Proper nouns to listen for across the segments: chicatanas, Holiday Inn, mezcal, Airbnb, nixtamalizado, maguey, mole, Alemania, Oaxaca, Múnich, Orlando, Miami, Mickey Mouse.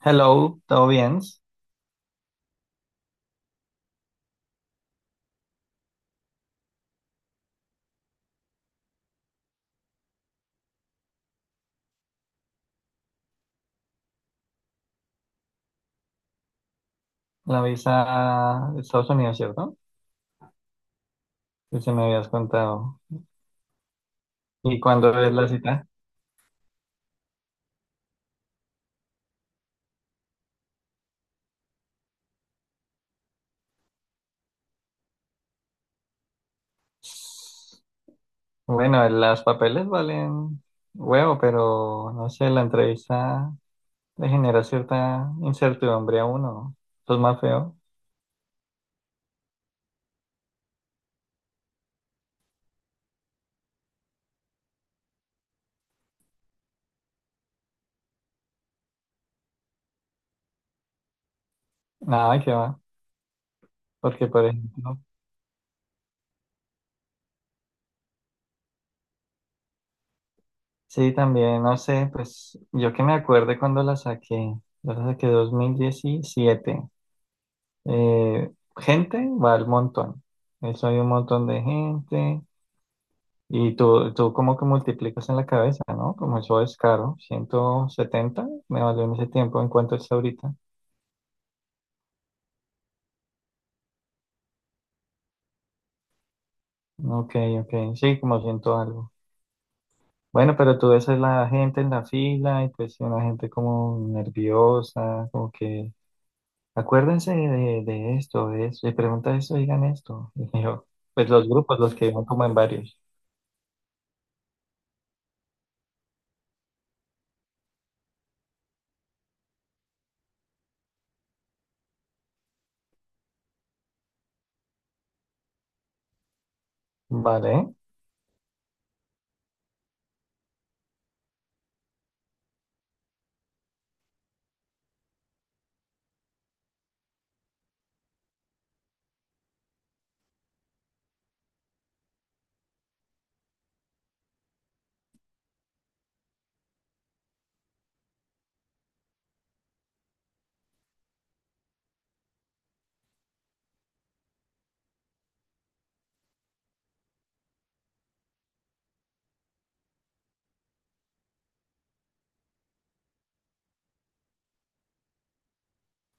Hello, ¿todo bien? La visa de Estados Unidos, ¿cierto? Que se me habías contado. ¿Y cuándo es la cita? Bueno, los papeles valen huevo, pero no sé, la entrevista le genera cierta incertidumbre a uno. Eso es más feo. Nada, que va. Porque, por ejemplo, sí, también, no sé, pues yo que me acuerde cuando la saqué. Yo la saqué 2017. eh, Gente va al montón. Eso hay un montón de gente. Y tú como que multiplicas en la cabeza, ¿no? Como eso es caro. 170 me valió en ese tiempo. ¿En cuánto está ahorita? Ok, ok. Sí, como ciento algo. Bueno, pero tú ves a la gente en la fila y pues una gente como nerviosa, como que acuérdense de esto, de eso, y pregunta esto, digan esto. Y yo, pues los grupos, los que iban como en varios. Vale.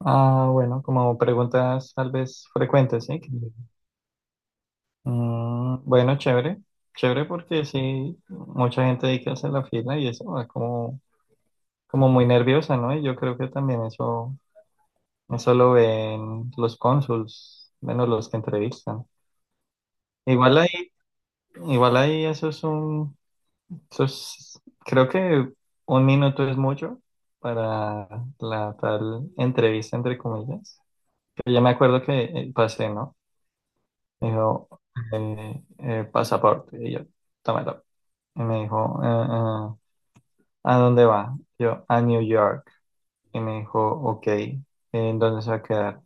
Ah, bueno, como preguntas tal vez frecuentes, ¿sí? Mm, bueno, chévere, chévere porque sí, mucha gente ahí que hace la fila y eso es como, como muy nerviosa, ¿no? Y yo creo que también eso lo ven los cónsuls, menos los que entrevistan. Igual ahí, igual ahí eso es un, eso es- creo que un minuto es mucho para la tal entrevista, entre comillas. Yo ya me acuerdo que pasé, ¿no? Me dijo, pasaporte. Y yo, tómalo. Y me dijo, ¿a dónde va? Yo, a New York. Y me dijo, ok, ¿en dónde se va a quedar?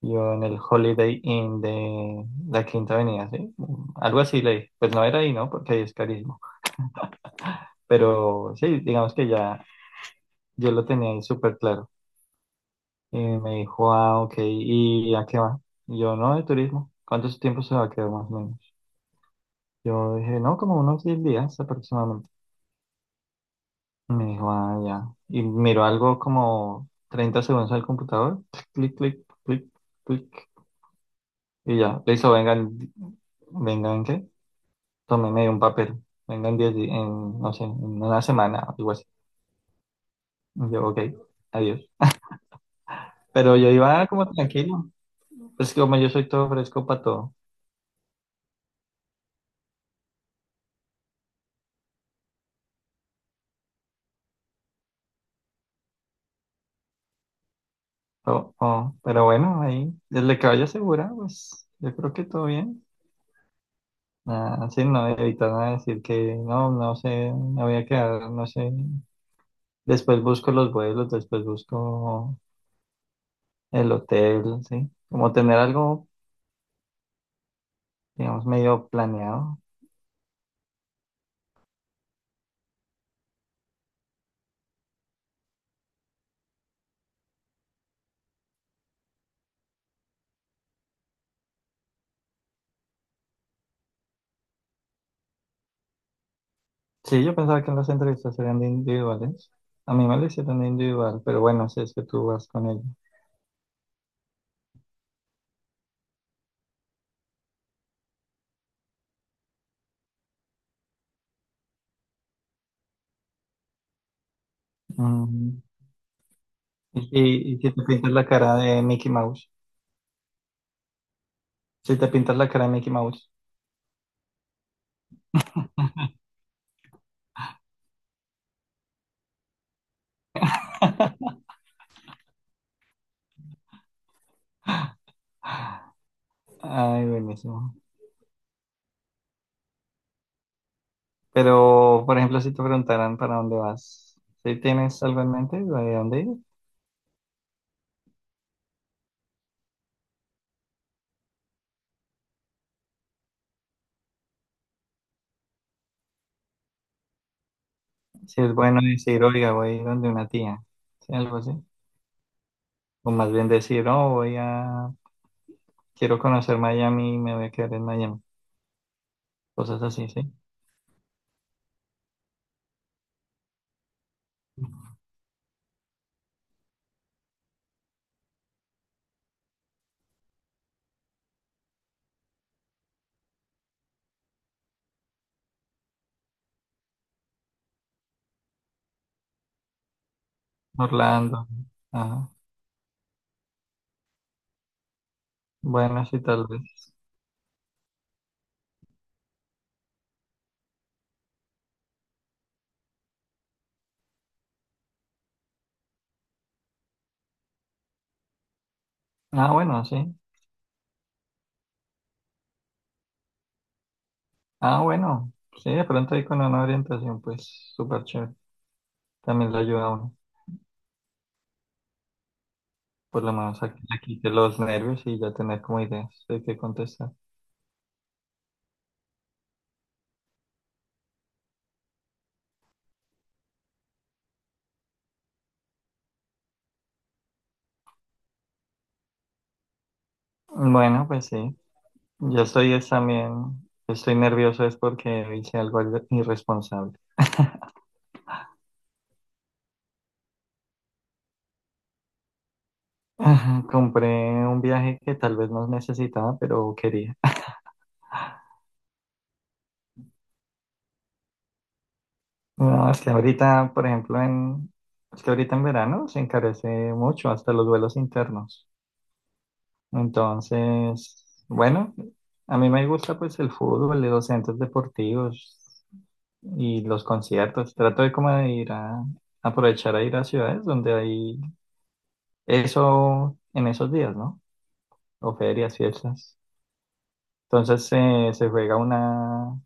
Yo, en el Holiday Inn de la Quinta Avenida, ¿sí? Algo así le dije. Pues no era ahí, ¿no? Porque ahí es carísimo. Pero sí, digamos que ya yo lo tenía ahí súper claro. Y me dijo, ah, ok, ¿y a qué va? Y yo, no, de turismo. ¿Cuántos tiempos se va a quedar más o menos? Yo dije, no, como unos 10 días aproximadamente. Me dijo, ah, ya. Y miró algo como 30 segundos al computador. Clic, clic, clic, clic. Y ya. Le hizo, vengan, vengan, ¿qué? Tomé medio un papel. Vengan 10 di- en, no sé, en una semana, algo así. Y yo, ok, adiós. Pero yo iba como tranquilo. Es que como yo soy todo fresco para todo. Oh, oh, pero bueno, ahí, desde que vaya segura, pues yo creo que todo bien. Ah, sí, no, evitar nada decir que no, no sé, me voy a quedar, no sé. Después busco los vuelos, después busco el hotel, ¿sí? Como tener algo, digamos, medio planeado. Sí, yo pensaba que las entrevistas serían de individuales. A mí me lo hicieron de individual, pero bueno, si es que tú vas con ella. Mm. Y si te pintas la cara de Mickey Mouse. Si te pintas la cara de Mickey Mouse. Ay, buenísimo. Pero, por ejemplo, si te preguntaran para dónde vas, si tienes algo en mente de dónde ir, si es bueno decir, oiga, voy a ir donde una tía, ¿sí? Algo así. O más bien decir, oh, voy a, quiero conocer Miami y me voy a quedar en Miami. Cosas así, ¿sí? Orlando. Ajá. Bueno, sí, tal vez. Ah, bueno, sí. Ah, bueno. Sí, de pronto ahí con una orientación, pues súper chévere. También le ayuda a uno. Por lo menos aquí, aquí de los nervios y ya tener como ideas de qué contestar. Bueno, pues sí. Yo estoy es también, estoy nervioso es porque hice algo irre- irresponsable. Compré un viaje que tal vez no necesitaba, pero quería. No, es que ahorita, por ejemplo, en, es que ahorita en verano se encarece mucho hasta los vuelos internos. Entonces, bueno, a mí me gusta pues el fútbol, los centros deportivos y los conciertos. Trato de como de ir a aprovechar a ir a ciudades donde hay eso en esos días, ¿no? O ferias, fiestas. Entonces se juega una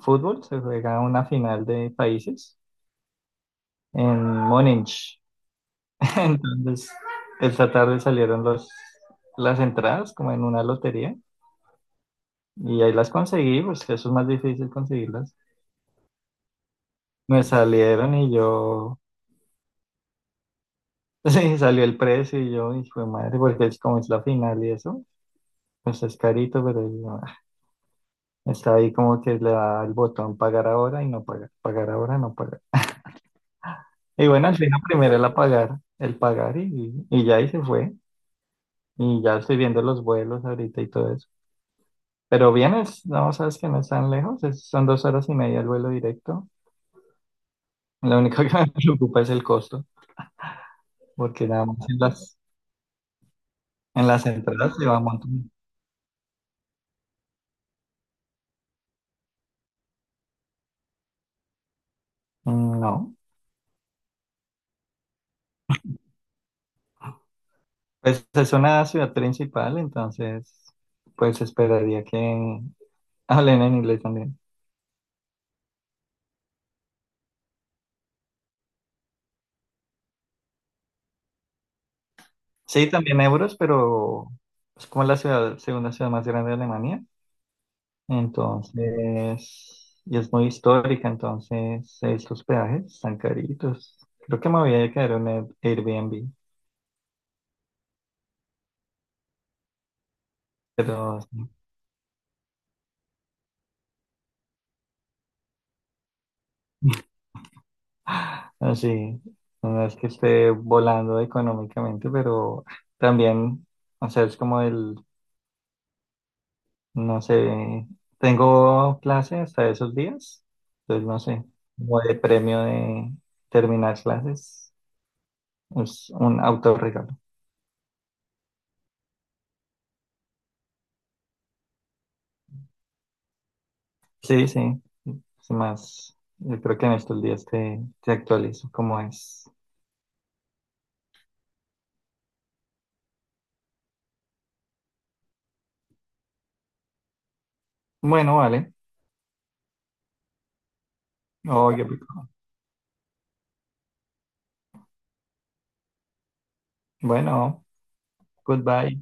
fútbol, se juega una final de países en Múnich. Entonces, esta tarde salieron los, las entradas como en una lotería y ahí las conseguí, pues eso es más difícil conseguirlas. Me salieron y yo, sí, salió el precio y yo, y fue madre, porque es como es la final y eso, pues es carito, pero yo, ah, está ahí como que le da el botón pagar ahora y no pagar, pagar ahora, no pagar. Y bueno, al final primero el pagar y ya ahí se fue. Y ya estoy viendo los vuelos ahorita y todo eso. Pero vienes, no, sabes que no es tan lejos, es- son 2 horas y media el vuelo directo. Lo único que me preocupa es el costo, porque nada más en las entradas se va un montón. Mm, no, pues es una ciudad principal, entonces pues esperaría que hablen en inglés también. Sí, también euros, pero es como la ciudad, segunda ciudad más grande de Alemania, entonces, y es muy histórica, entonces estos peajes están caritos. Creo que me voy a quedar en un Air- Airbnb. Pero así, no es que esté volando económicamente, pero también, o sea, es como el, no sé, tengo clase hasta esos días, entonces no sé, como de premio de terminar clases, es un autorregalo. Sí, sí, es más, yo creo que en estos días te, te actualizo cómo es. Bueno, vale. Oh, qué rico. Bueno, goodbye.